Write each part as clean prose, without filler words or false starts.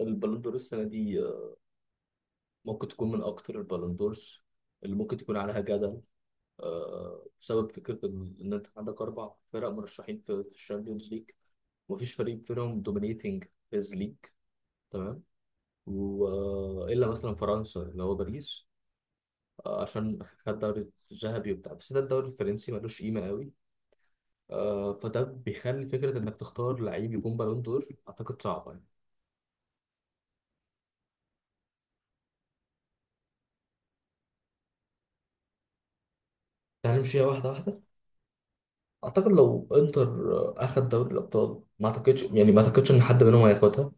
البالون دور السنة دي ممكن تكون من أكتر البالون دورز اللي ممكن تكون عليها جدل، بسبب فكرة إن أنت عندك أربع فرق مرشحين في الشامبيونز ليج. مفيش فريق فيهم دومينيتنج هيز ليج. تمام. وإلا مثلا فرنسا اللي هو باريس، عشان خد دوري ذهبي وبتاع، بس ده الدوري الفرنسي ملوش قيمة قوي. فده بيخلي فكرة إنك تختار لعيب يكون بالون دور، أعتقد صعبة يعني. تعال نمشيها واحدة واحدة. اعتقد لو انتر اخد دوري الابطال ما اعتقدش، يعني ما اعتقدش ان حد منهم هياخدها.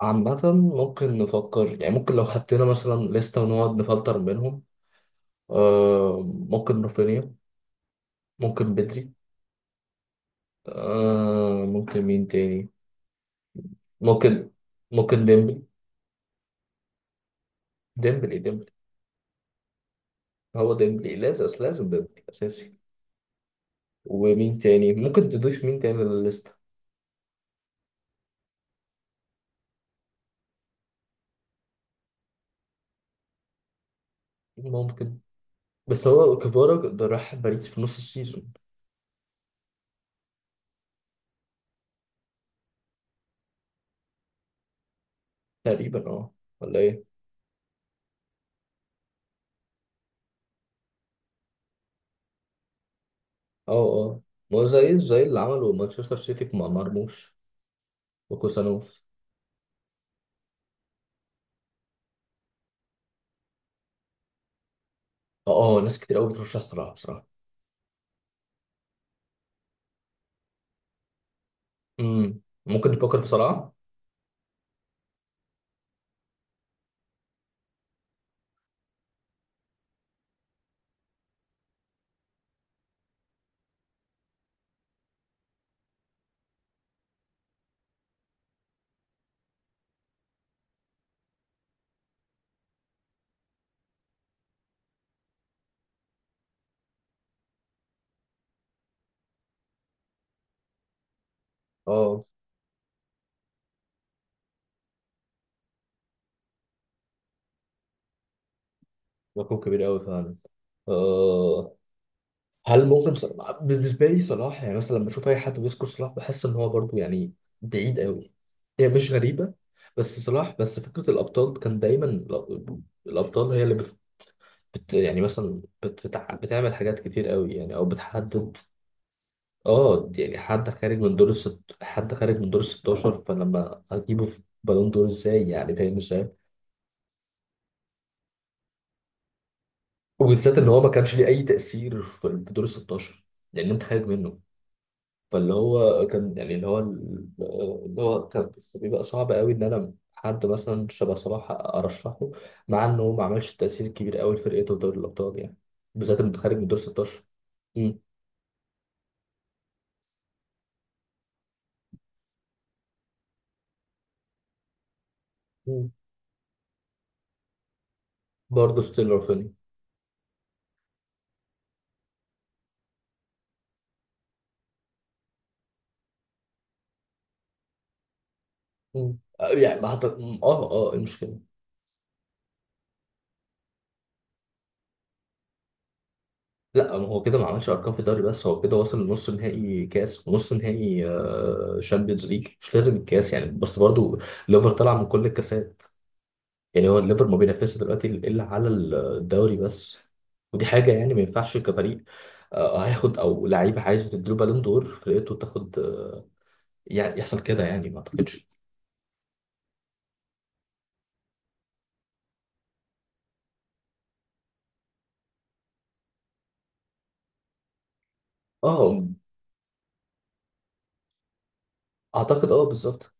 عامة ممكن نفكر، يعني ممكن لو حطينا مثلا لستة ونقعد نفلتر منهم. آه، ممكن رافينيا، ممكن بدري، آه ممكن مين تاني. ممكن ممكن ديمبلي، ديمبلي ديمبلي. هو ديمبلي لازم لازم، ديمبلي اساسي. ومين تاني ممكن تضيف، مين تاني للستة؟ ممكن، بس هو كفارا ده راح باريس في نص السيزون تقريبا، اه، ولا ايه. اه اه، ما هو زي اللي عمله مانشستر سيتي مع مرموش وكوسانوف. اه اه اه، ناس كتير قوي بترشح صلاح بصراحه. امم، ممكن تفكر في صلاح. اه، مفهوم كبير قوي فعلا. آه، هل ممكن صلاح، بالنسبه لي صلاح يعني، مثلا لما بشوف اي حد بيذكر صلاح بحس ان هو برضو يعني بعيد قوي. هي مش غريبه، بس صلاح بس فكره الابطال كان دايما الابطال، هي اللي يعني مثلا بتعمل حاجات كتير قوي يعني، او بتحدد. اه يعني، حد خارج من دور ال 16، فلما هجيبه في بالون دور ازاي يعني، فاهم ازاي؟ وبالذات ان هو ما كانش ليه اي تأثير في دور ال 16، لان انت خارج منه. فاللي هو كان يعني، اللي هو كان بيبقى صعب قوي ان انا حد مثلا شبه صلاح ارشحه، مع انه هو ما عملش تأثير كبير قوي لفرقته في دوري الابطال يعني، بالذات انه خارج من دور 16. امم، برضه ستيل رافينيا. مم. يعني ما حط... اه اه، إيه المشكله. لا هو كده ما عملش ارقام في الدوري بس، هو كده وصل لنص نهائي كاس ونص نهائي شامبيونز ليج، مش لازم الكاس يعني بس برضو. ليفر طلع من كل الكاسات، يعني هو الليفر ما بينافسش دلوقتي الا على الدوري بس، ودي حاجه يعني ما ينفعش كفريق. هياخد او لعيبه عايزه تديله بالون دور فرقته تاخد، يعني يحصل كده، يعني ما اعتقدش. اه، اعتقد اه بالظبط.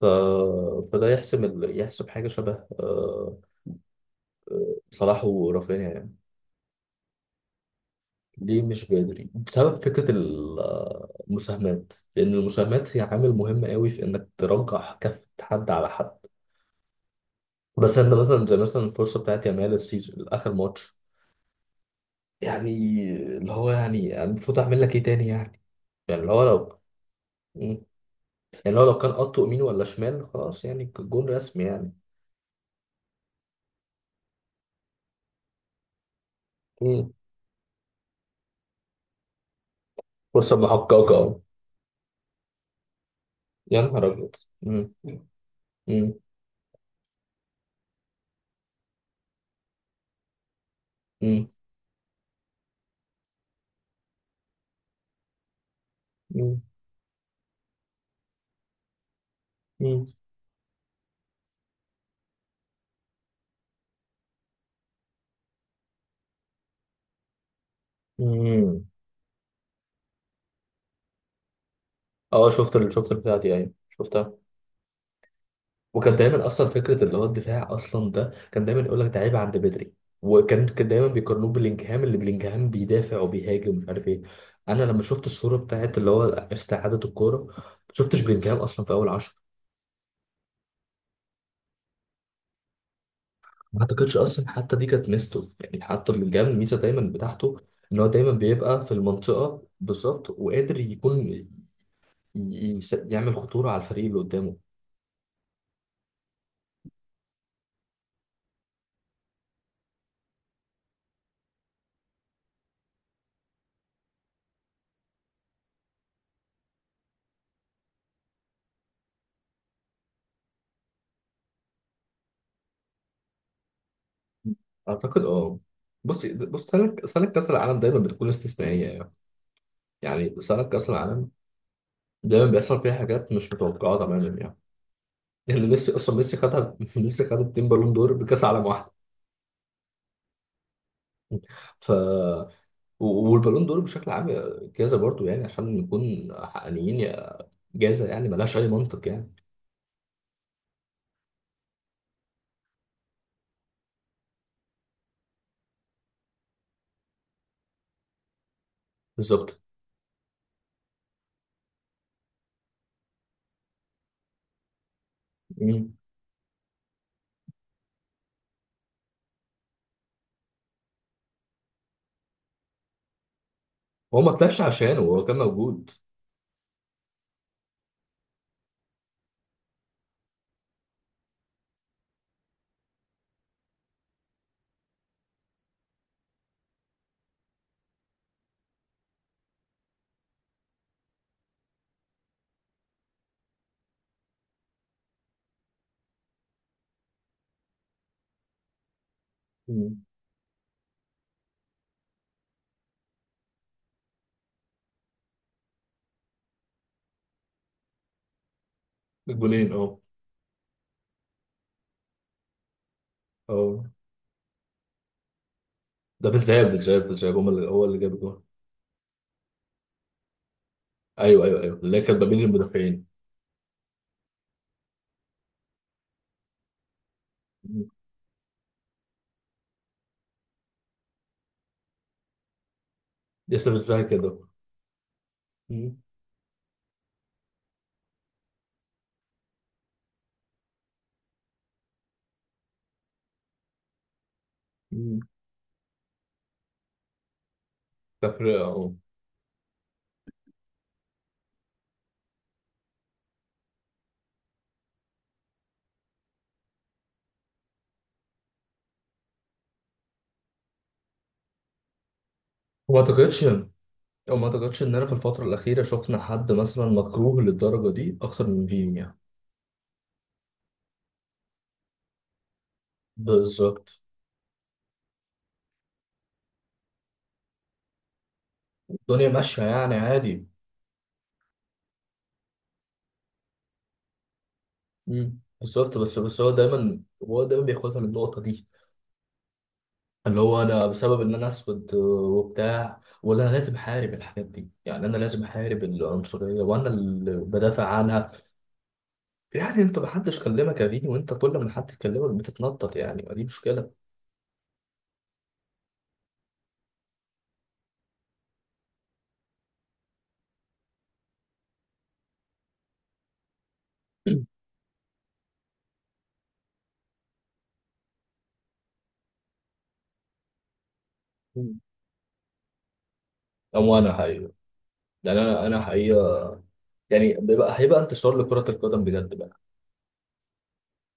ف... فده يحسم يحسم حاجه شبه، آه، صلاح ورافينيا يعني. ليه مش جذري؟ بسبب فكرة المساهمات، لأن المساهمات هي عامل مهم قوي في إنك ترجح كفة حد على حد. بس أنت مثلا زي مثلا الفرصة بتاعت يامال السيزون آخر ماتش يعني، اللي هو يعني المفروض أعمل لك إيه تاني يعني اللي هو لو. مم. يعني هو لو كان قطه يمين ولا شمال خلاص يعني الجون رسمي يعني. مم. فرصة محققة أهو. يا نهار أبيض. مم. مم. مم. مم. مم. مم. اه، شفت البتاعة دي، أيوة شفتها. وكان دايما اصلا فكره اللي هو الدفاع اصلا ده، كان دايما يقول لك ده عيب عند بدري. وكان دايما بيقارنوه بلينجهام، اللي بلينجهام بيدافع وبيهاجم ومش عارف ايه. انا لما شفت الصوره بتاعت اللي هو استعاده الكوره، ما شفتش بلينجهام اصلا في اول عشرة. ما اعتقدش اصلا حتى دي كانت ميزته يعني. حتى بلينجهام الميزه دايما بتاعته ان هو دايما بيبقى في المنطقه بالظبط، وقادر يكون يعمل خطوره على الفريق اللي قدامه. اعتقد اه. بص بص، سنه كاس العالم دايما بتكون استثنائيه يعني. يعني سنة كأس العالم دايما بيحصل فيها حاجات مش متوقعة تماما يعني. يعني ميسي خدها ميسي خد التيم بالون دور بكأس عالم واحد. ف والبالون دور بشكل عام جايزة برضو يعني، عشان نكون حقانيين. جايزة يعني ملهاش أي منطق يعني. بالظبط. مم. هو ما طلعش عشانه، هو كان موجود. مم. الجولين اه. اه، ده في الذهاب، هو اللي جاب الجول. ايوه ايوه ايوه، اللي هي كانت ما بين المدافعين. مم. ياسر ازاي كده. مم. مم. تفرقة اه. وما اعتقدش يعني. وما اعتقدش ان انا في الفتره الاخيره شفنا حد مثلا مكروه للدرجه دي اكتر من فيني يعني. بالظبط. الدنيا ماشيه يعني عادي. مم. بالظبط، بس هو دايما بياخدها من النقطه دي، اللي هو انا بسبب ان انا اسود، وبتاع، ولا أنا لازم احارب الحاجات دي يعني، انا لازم احارب العنصريه وانا اللي بدافع عنها. يعني انت محدش كلمك يا فيني، وانت كل ما حد يكلمك بتتنطط، يعني ما دي مشكله. مم. او انا حقيقه، يعني انا حقيقه، يعني بيبقى هيبقى انتشار لكرة القدم بجد بقى.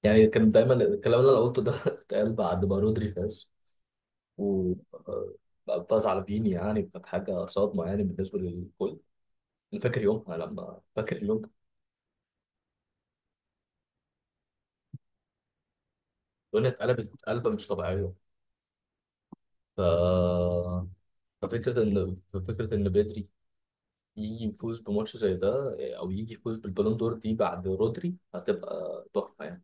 يعني كان دايما الكلام اللي انا قلته ده اتقال بعد ما رودري فاز، و فاز على فيني، يعني كانت حاجة صدمة يعني بالنسبة للكل. أنا فاكر يومها، لما فاكر اليوم ده الدنيا اتقلبت قلبة مش طبيعية. ف ففكرة إن بدري يجي يفوز بماتش زي ده، أو يجي يفوز بالبالون دور دي بعد رودري، هتبقى تحفة يعني.